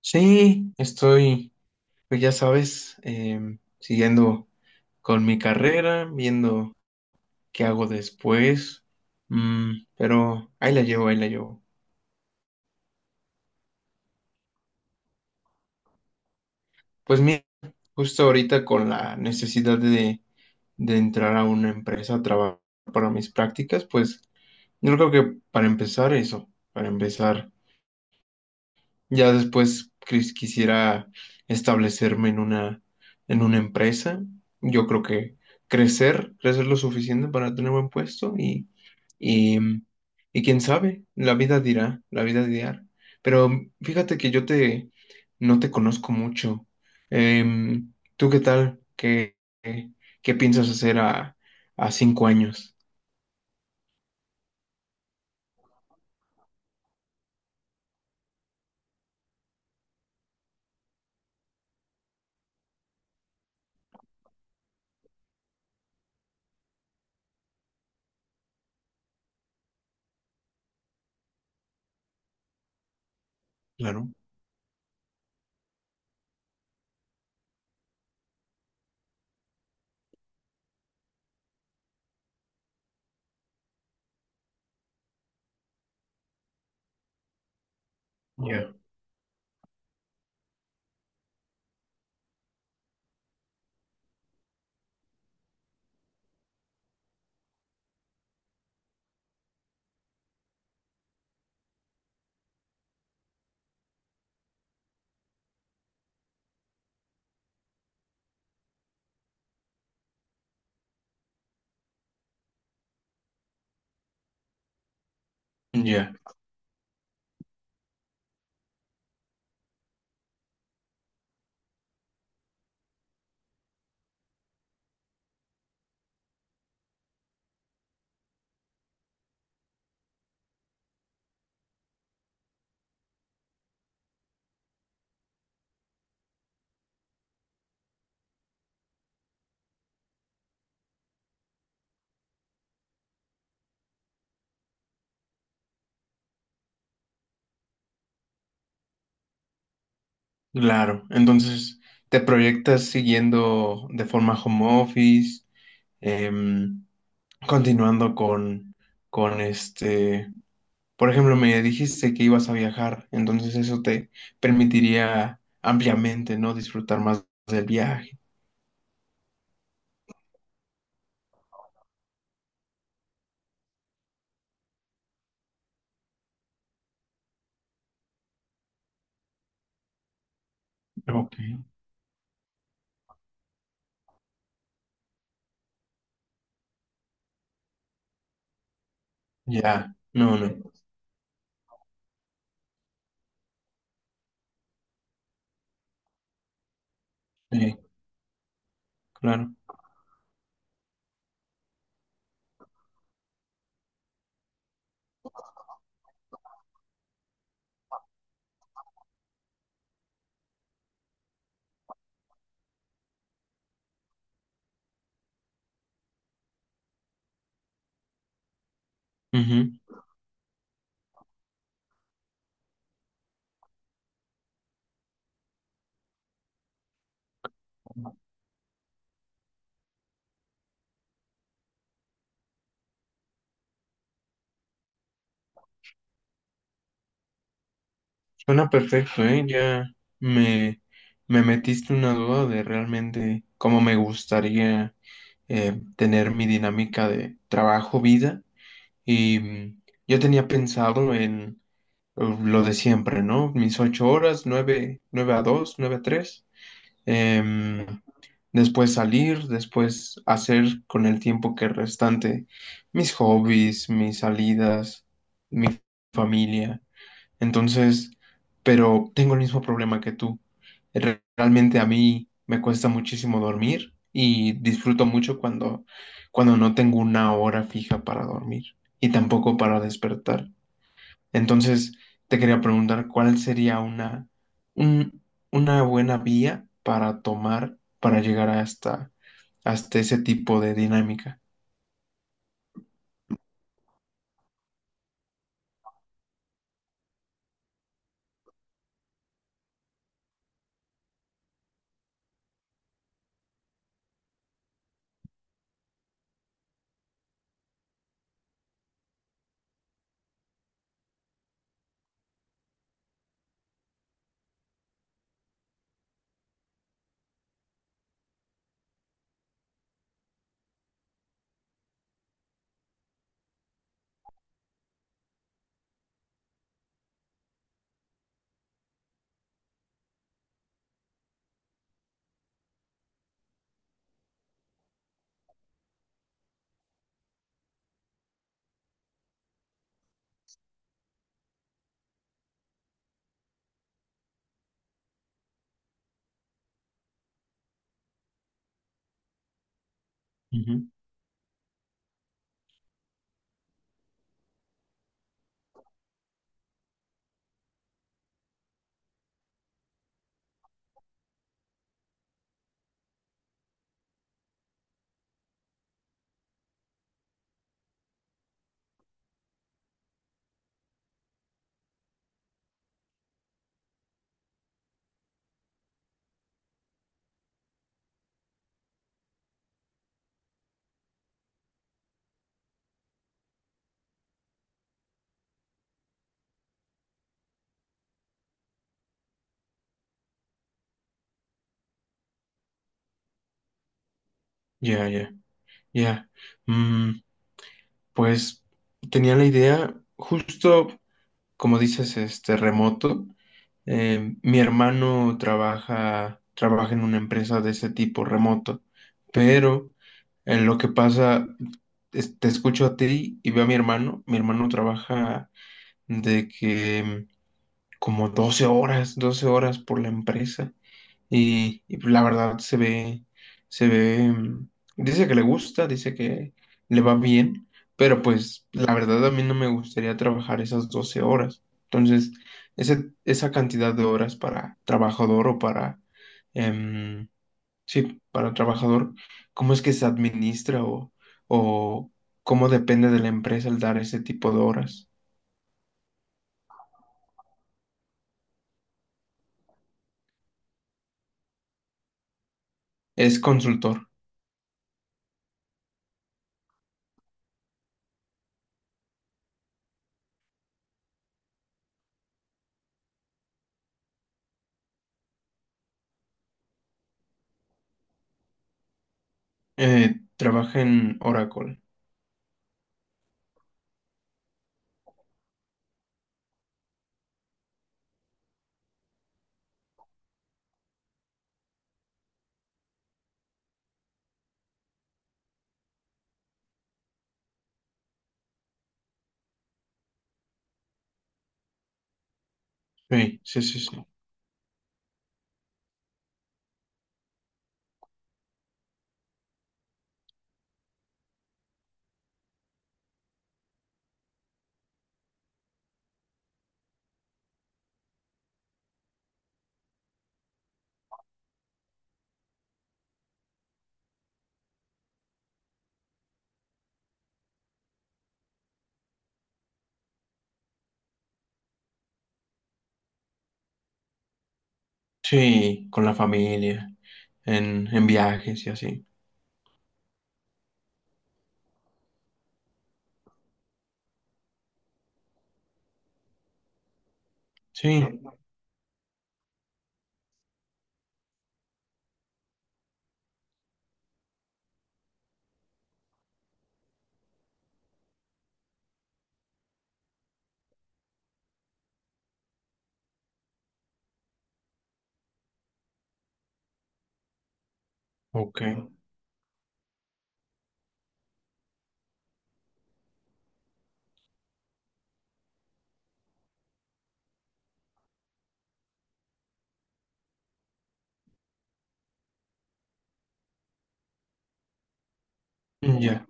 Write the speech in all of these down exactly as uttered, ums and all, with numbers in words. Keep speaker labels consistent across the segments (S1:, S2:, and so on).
S1: Sí, estoy, pues ya sabes, em, siguiendo con mi carrera, viendo qué hago después. Mm, pero ahí la llevo, ahí la llevo. Pues mira, justo ahorita con la necesidad de, de entrar a una empresa a trabajar para mis prácticas, pues yo creo que para empezar eso, para empezar. Ya después quis- quisiera establecerme en una, en una empresa. Yo creo que crecer, crecer lo suficiente para tener buen puesto y, y, y quién sabe, la vida dirá, la vida dirá. Pero fíjate que yo te, no te conozco mucho. Em, ¿tú qué tal? ¿Qué, qué, qué piensas hacer a, a cinco años? Claro. Ya. Ya. Claro, entonces te proyectas siguiendo de forma home office, em, continuando con, con este, por ejemplo, me dijiste que ibas a viajar, entonces eso te permitiría ampliamente, ¿no? Disfrutar más del viaje. Ok. Ya, no, no, sí, claro. Ujú. Suena perfecto, ¿eh? Ya me, me metiste una duda de realmente cómo me gustaría. eh, tener mi dinámica de trabajo-vida. Y mm, yo tenía pensado en eh, lo de siempre, ¿no? Mis ocho horas, nueve, nueve a dos, nueve a tres. em, después salir, después hacer con el tiempo que restante mis hobbies, mis salidas, mi familia. Entonces, pero tengo el mismo problema que tú. Re- Realmente a mí me cuesta muchísimo dormir y disfruto mucho cuando, cuando no tengo una hora fija para dormir y tampoco para despertar. Entonces, te quería preguntar cuál sería una, un- una buena vía para tomar, para llegar hasta, hasta ese tipo de dinámica. Ujú. Ya, ya. Ya. Mm, pues tenía la idea, justo como dices, este remoto. Eh, mi hermano trabaja, trabaja en una empresa de ese tipo remoto, pero en lo que pasa, es- te escucho a ti y veo a mi hermano. Mi hermano trabaja de que mm, como doce horas, doce horas por la empresa. Y, y, pues la verdad se ve, se ve, mm, dice que le gusta, dice que le va bien, pero pues la verdad a mí no me gustaría trabajar esas doce horas. Entonces, ese, esa cantidad de horas para trabajador o para, em, sí, para trabajador, ¿cómo es que se administra o, o cómo depende de la empresa el dar ese tipo de horas? Es consultor, eh, trabaja en Oracle. Sí, sí, sí, sí. Sí, con la familia, en, en viajes y así. Sí, ok. Ya,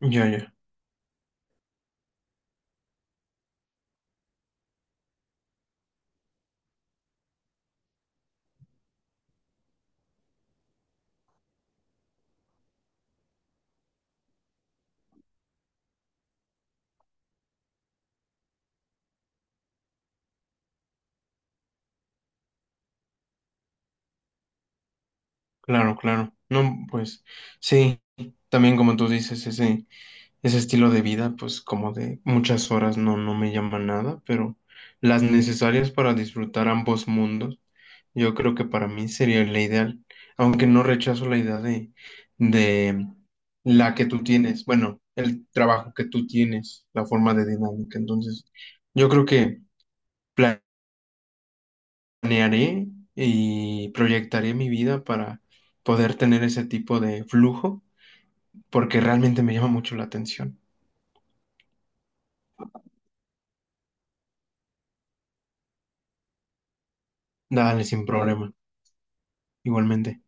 S1: ya, ya. Claro, claro. No, pues sí, también como tú dices, ese, ese estilo de vida, pues como de muchas horas no, no me llama nada, pero las necesarias para disfrutar ambos mundos. Yo creo que para mí sería la ideal, aunque no rechazo la idea de, de la que tú tienes, bueno, el trabajo que tú tienes, la forma de dinámica. Entonces, yo creo que planearé y proyectaré mi vida para poder tener ese tipo de flujo, porque realmente me llama mucho la atención. Dale, sin problema, igualmente.